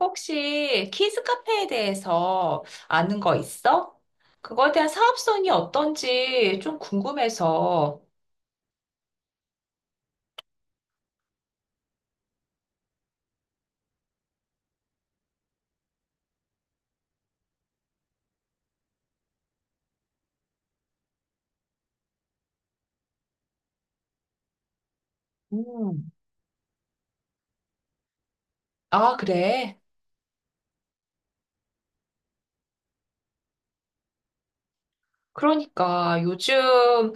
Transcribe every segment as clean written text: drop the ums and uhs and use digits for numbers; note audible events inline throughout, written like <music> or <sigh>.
혹시 키즈 카페에 대해서 아는 거 있어? 그거에 대한 사업성이 어떤지 좀 궁금해서. 음. 아, 그래. 그러니까 요즘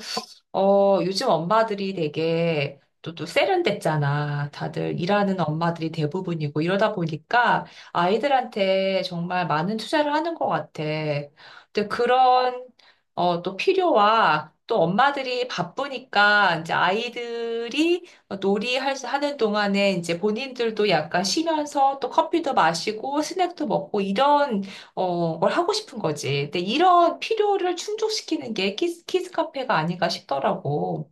어, 요즘 엄마들이 되게 또 세련됐잖아. 다들 일하는 엄마들이 대부분이고 이러다 보니까 아이들한테 정말 많은 투자를 하는 것 같아. 근데 또 필요와 또 엄마들이 바쁘니까 이제 아이들이 하는 동안에 이제 본인들도 약간 쉬면서 또 커피도 마시고 스낵도 먹고 이런 뭘 하고 싶은 거지. 근데 이런 필요를 충족시키는 게 키스 카페가 아닌가 싶더라고.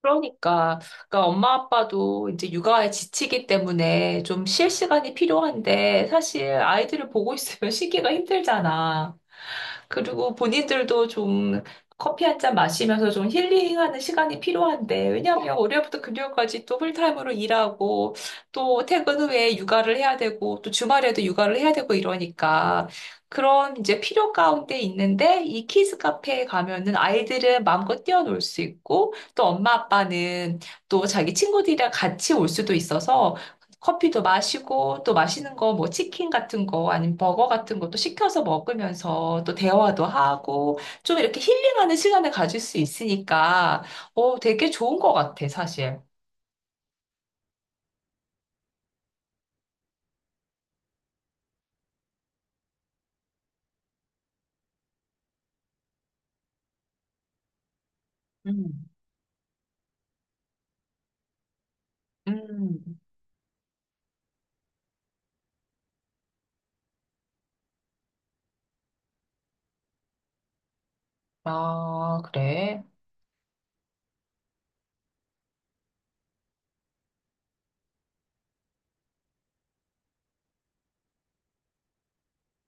그러니까, 그러니까 엄마 아빠도 이제 육아에 지치기 때문에 좀 쉴 시간이 필요한데 사실 아이들을 보고 있으면 <laughs> 쉬기가 힘들잖아. 그리고 본인들도 좀 커피 한 잔 마시면서 좀 힐링하는 시간이 필요한데 왜냐하면 월요일부터 금요일까지 또 풀타임으로 일하고 또 퇴근 후에 육아를 해야 되고 또 주말에도 육아를 해야 되고 이러니까 그런 이제 필요 가운데 있는데 이 키즈 카페에 가면은 아이들은 마음껏 뛰어놀 수 있고 또 엄마 아빠는 또 자기 친구들이랑 같이 올 수도 있어서 커피도 마시고 또 맛있는 거 뭐 치킨 같은 거 아니면 버거 같은 것도 시켜서 먹으면서 또 대화도 하고 좀 이렇게 힐링하는 시간을 가질 수 있으니까 되게 좋은 것 같아 사실. 음. 음. 아, 그래.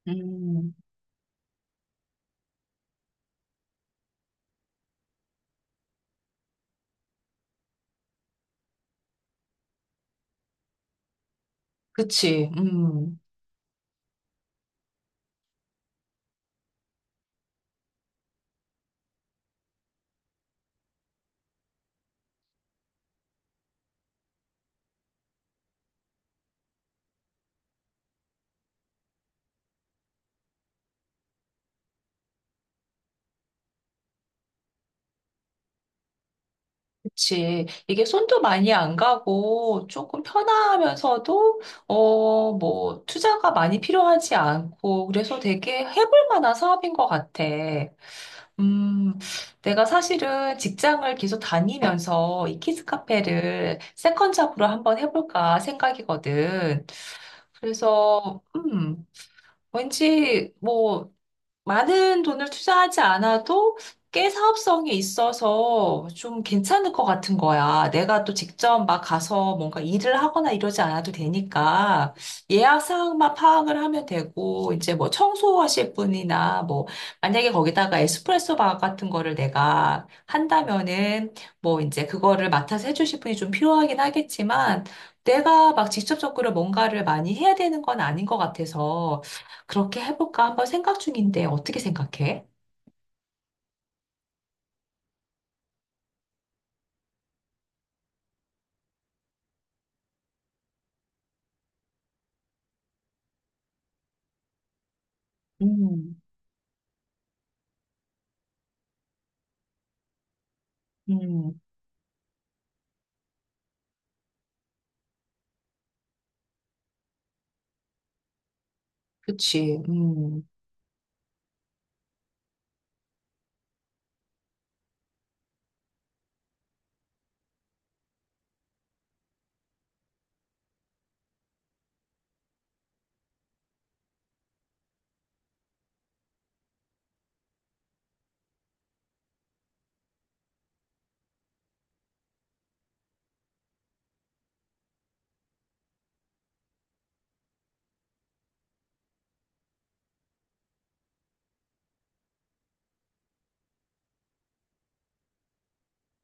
음. 그치. 음. 그치. 이게 손도 많이 안 가고 조금 편하면서도, 뭐, 투자가 많이 필요하지 않고, 그래서 되게 해볼 만한 사업인 것 같아. 음, 내가 사실은 직장을 계속 다니면서 이 키즈 카페를 세컨 잡으로 한번 해볼까 생각이거든. 그래서, 왠지 뭐, 많은 돈을 투자하지 않아도 꽤 사업성이 있어서 좀 괜찮을 것 같은 거야. 내가 또 직접 막 가서 뭔가 일을 하거나 이러지 않아도 되니까 예약 사항만 파악을 하면 되고 이제 뭐 청소하실 분이나 뭐 만약에 거기다가 에스프레소 바 같은 거를 내가 한다면은 뭐 이제 그거를 맡아서 해주실 분이 좀 필요하긴 하겠지만 내가 막 직접적으로 뭔가를 많이 해야 되는 건 아닌 것 같아서 그렇게 해볼까 한번 생각 중인데 어떻게 생각해? 음, 음, 그치. 음.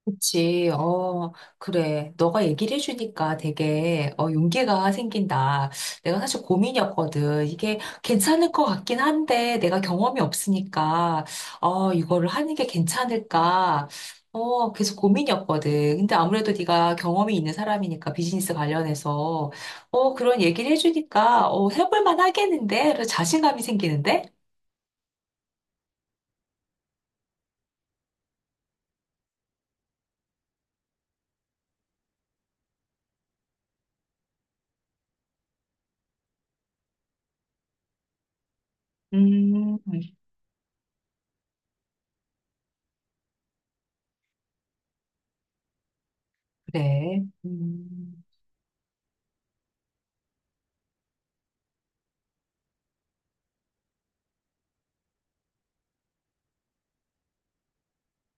그치, 그래. 너가 얘기를 해주니까 되게, 용기가 생긴다. 내가 사실 고민이었거든. 이게 괜찮을 것 같긴 한데, 내가 경험이 없으니까, 이거를 하는 게 괜찮을까. 계속 고민이었거든. 근데 아무래도 네가 경험이 있는 사람이니까, 비즈니스 관련해서, 그런 얘기를 해주니까, 해볼 만 하겠는데? 그래서 자신감이 생기는데? 음, 그래.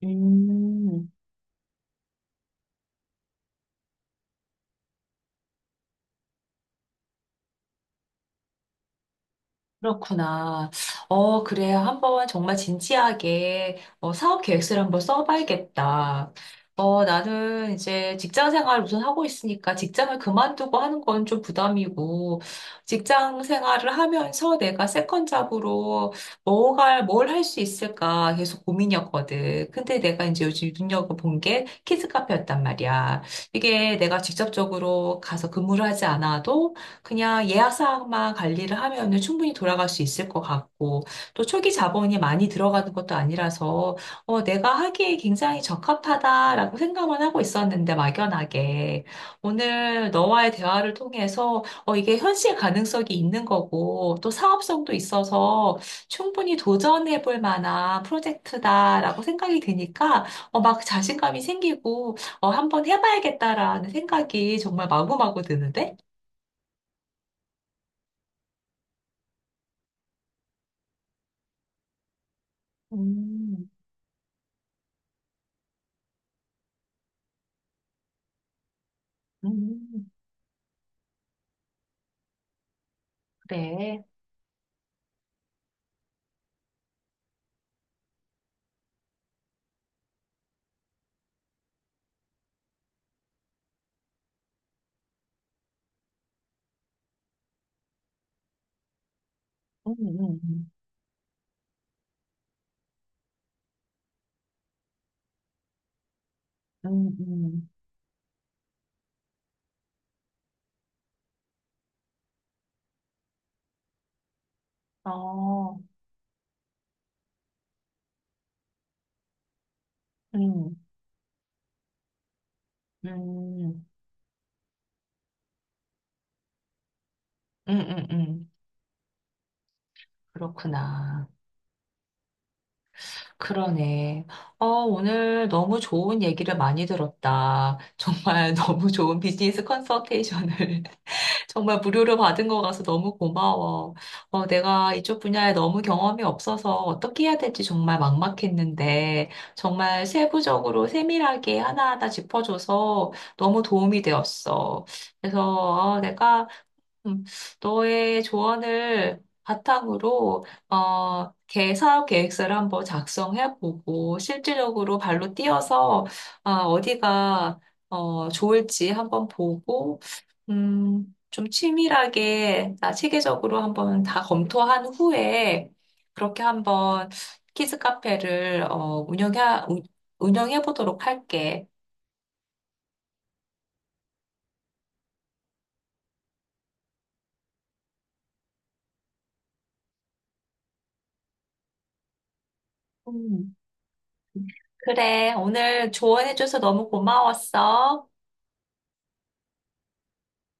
음. 그렇구나. 그래. 한번 정말 진지하게 사업 계획서를 한번 써봐야겠다. 나는 이제 직장 생활 우선 하고 있으니까 직장을 그만두고 하는 건 좀 부담이고, 직장 생활을 하면서 내가 세컨 잡으로 뭘 할 수 있을까 계속 고민이었거든. 근데 내가 이제 요즘 눈여겨본 게 키즈카페였단 말이야. 이게 내가 직접적으로 가서 근무를 하지 않아도 그냥 예약 사항만 관리를 하면은 충분히 돌아갈 수 있을 것 같고, 또 초기 자본이 많이 들어가는 것도 아니라서, 내가 하기에 굉장히 적합하다라고 생각만 하고 있었는데, 막연하게. 오늘 너와의 대화를 통해서, 이게 현실 가능성이 있는 거고, 또 사업성도 있어서 충분히 도전해 볼 만한 프로젝트다라고 생각이 드니까, 막 자신감이 생기고, 한번 해봐야겠다라는 생각이 정말 마구마구 드는데? 음. 음, 그래. 음, 음, 음. 어, 음, 음, 음, 음, 음. 그렇구나. 그러네. 오늘 너무 좋은 얘기를 많이 들었다. 정말 <laughs> 너무 좋은 비즈니스 컨설테이션을 <laughs> 정말 무료로 받은 거 가서 너무 고마워. 내가 이쪽 분야에 너무 경험이 없어서 어떻게 해야 될지 정말 막막했는데, 정말 세부적으로 세밀하게 하나하나 짚어줘서 너무 도움이 되었어. 그래서 내가 음, 너의 조언을 바탕으로 어, 개 사업 계획서를 한번 작성해 보고 실질적으로 발로 뛰어서 어, 디가 좋을지 한번 보고 좀 치밀하게 나 체계적으로 한번 다 검토한 후에 그렇게 한번 키즈 카페를 운영해 보도록 할게. 음. 그래, 오늘 조언해줘서 너무 고마웠어.